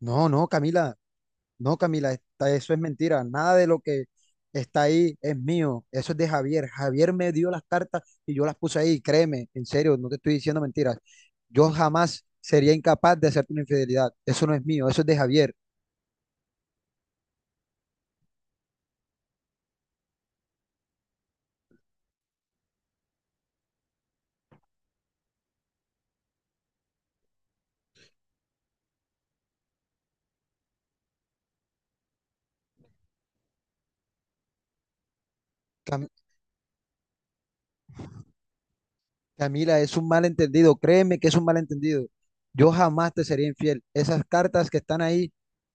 No, no, Camila, no, Camila, eso es mentira. Nada de lo que está ahí es mío. Eso es de Javier. Javier me dio las cartas y yo las puse ahí. Créeme, en serio, no te estoy diciendo mentiras. Yo jamás sería incapaz de hacerte una infidelidad. Eso no es mío, eso es de Javier. Cam- Camila, es un malentendido, créeme que es un malentendido. Yo jamás te sería infiel. Esas cartas que están ahí,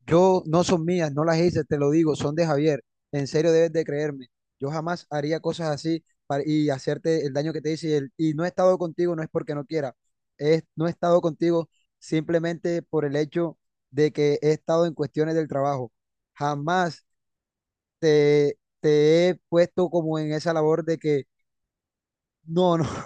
yo no son mías, no las hice, te lo digo, son de Javier. En serio debes de creerme. Yo jamás haría cosas así hacerte el daño que te hice. Y no he estado contigo, no es porque no quiera. Es, no he estado contigo simplemente por el hecho de que he estado en cuestiones del trabajo. Jamás te he puesto como en esa labor de que no, no.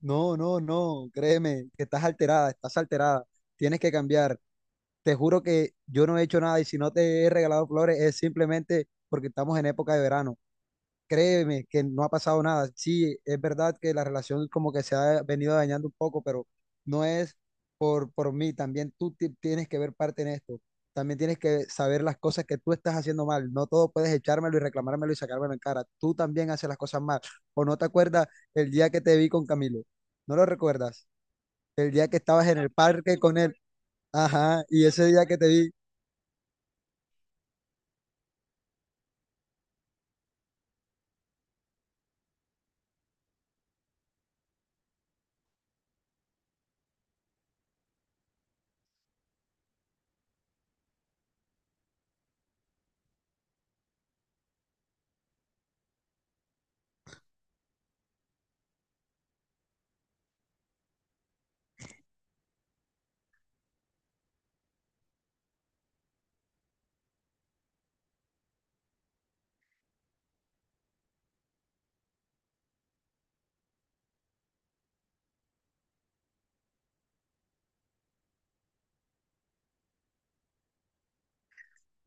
No, no, no, créeme, que estás alterada, tienes que cambiar. Te juro que yo no he hecho nada y si no te he regalado flores es simplemente porque estamos en época de verano. Créeme que no ha pasado nada. Sí, es verdad que la relación como que se ha venido dañando un poco, pero no es por mí. También tú tienes que ver parte en esto. También tienes que saber las cosas que tú estás haciendo mal. No todo puedes echármelo y reclamármelo y sacármelo en cara. Tú también haces las cosas mal. ¿O no te acuerdas el día que te vi con Camilo? ¿No lo recuerdas? El día que estabas en el parque con él. Ajá. Y ese día que te vi.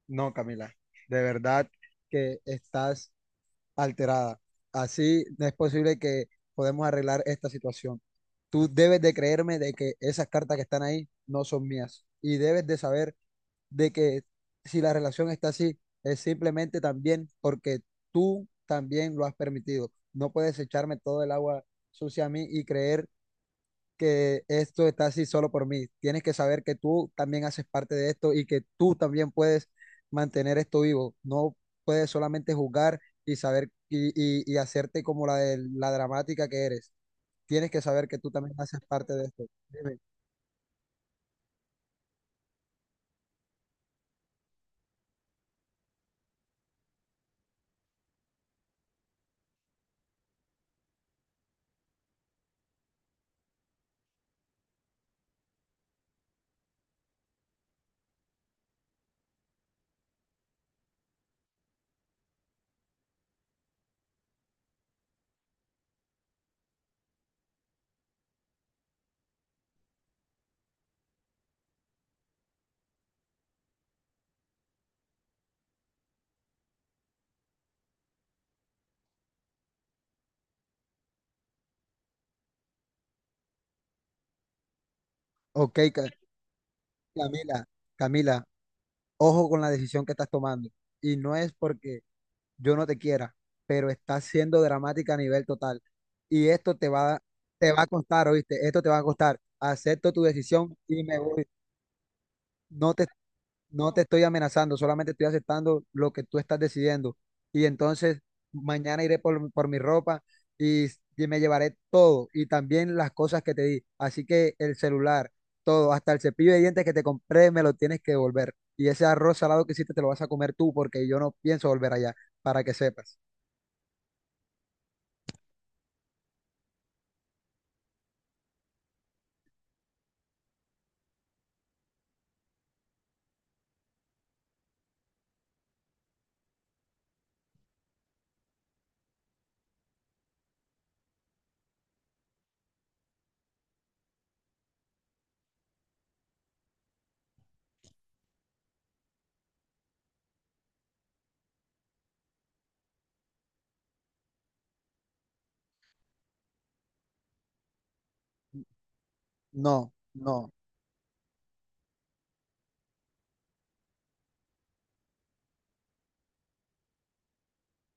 No, Camila. De verdad que estás alterada. Así no es posible que podemos arreglar esta situación. Tú debes de creerme de que esas cartas que están ahí no son mías y debes de saber de que si la relación está así es simplemente también porque tú también lo has permitido. No puedes echarme todo el agua sucia a mí y creer que esto está así solo por mí. Tienes que saber que tú también haces parte de esto y que tú también puedes mantener esto vivo. No puedes solamente jugar y saber y hacerte como la de la dramática que eres. Tienes que saber que tú también haces parte de esto. Dime. Ok, Camila, Camila, ojo con la decisión que estás tomando. Y no es porque yo no te quiera, pero estás siendo dramática a nivel total. Y esto te va a costar, ¿oíste? Esto te va a costar. Acepto tu decisión y me voy. No te, no te estoy amenazando, solamente estoy aceptando lo que tú estás decidiendo. Y entonces mañana iré por mi ropa y, y me llevaré todo y también las cosas que te di. Así que el celular, todo, hasta el cepillo de dientes que te compré, me lo tienes que devolver. Y ese arroz salado que hiciste te lo vas a comer tú porque yo no pienso volver allá, para que sepas. No, no,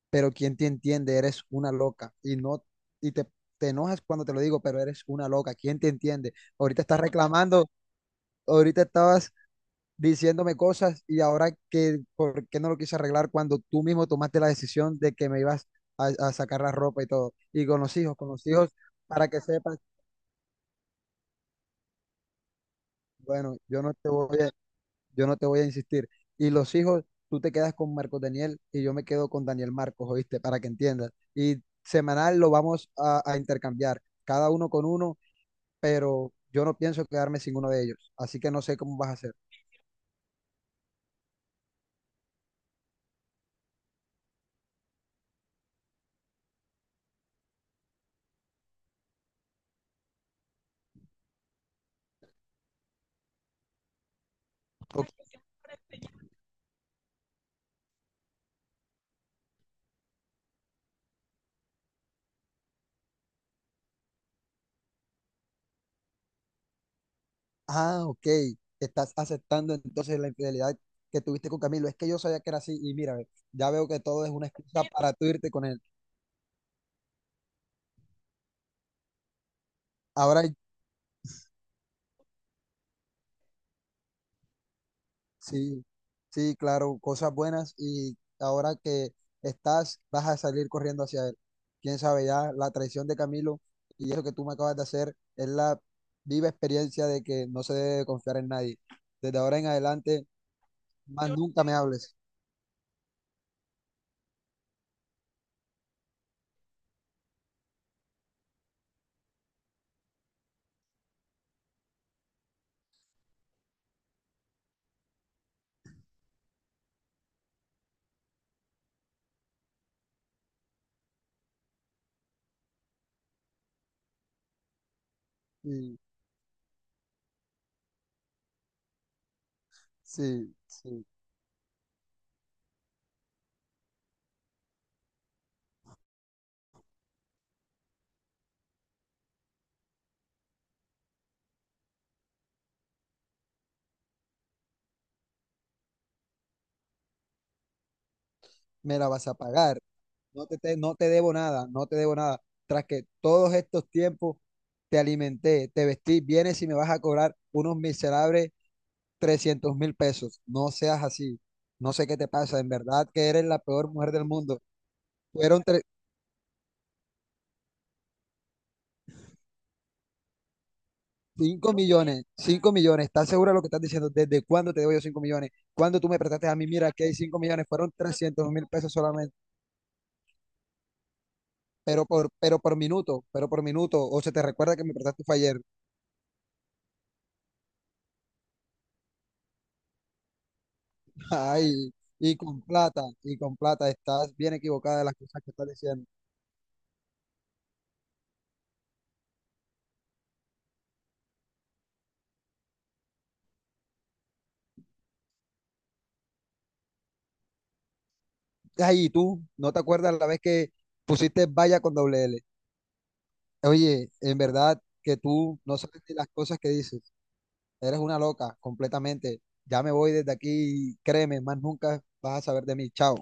pero ¿quién te entiende? Eres una loca y no, y te enojas cuando te lo digo, pero eres una loca, ¿quién te entiende? Ahorita estás reclamando, ahorita estabas diciéndome cosas y ahora que, ¿por qué no lo quise arreglar cuando tú mismo tomaste la decisión de que me ibas a sacar la ropa y todo? Y con los hijos, para que sepas, bueno, yo no te voy a insistir. Y los hijos, tú te quedas con Marcos Daniel y yo me quedo con Daniel Marcos, ¿oíste? Para que entiendas. Y semanal lo vamos a intercambiar, cada uno con uno, pero yo no pienso quedarme sin uno de ellos. Así que no sé cómo vas a hacer. Ok. Ah, ok. Estás aceptando entonces la infidelidad que tuviste con Camilo. Es que yo sabía que era así y mira, ve, ya veo que todo es una excusa para tú irte con él. Ahora sí, sí, claro, cosas buenas y ahora que estás, vas a salir corriendo hacia él. Quién sabe ya, la traición de Camilo y eso que tú me acabas de hacer es la viva experiencia de que no se debe confiar en nadie. Desde ahora en adelante, más nunca me hables. Y sí, sí, me la vas a pagar. No te debo nada, no te debo nada. Tras que todos estos tiempos te alimenté, te vestí, vienes y me vas a cobrar unos miserables 300.000 pesos. No seas así. No sé qué te pasa. En verdad que eres la peor mujer del mundo. Fueron 5 millones. 5 millones. ¿Estás segura de lo que estás diciendo? ¿Desde cuándo te debo yo 5 millones? ¿Cuándo tú me prestaste a mí? Mira, que hay 5 millones. Fueron 300.000 pesos solamente. Pero por minuto. Pero por minuto. O se te recuerda que me prestaste fue ayer. Ay. Y con plata, estás bien equivocada de las cosas que estás diciendo. Ay, ¿y tú no te acuerdas la vez que pusiste valla con doble L? Oye, en verdad que tú no sabes ni las cosas que dices. Eres una loca completamente. Ya me voy desde aquí y créeme, más nunca vas a saber de mí. Chao.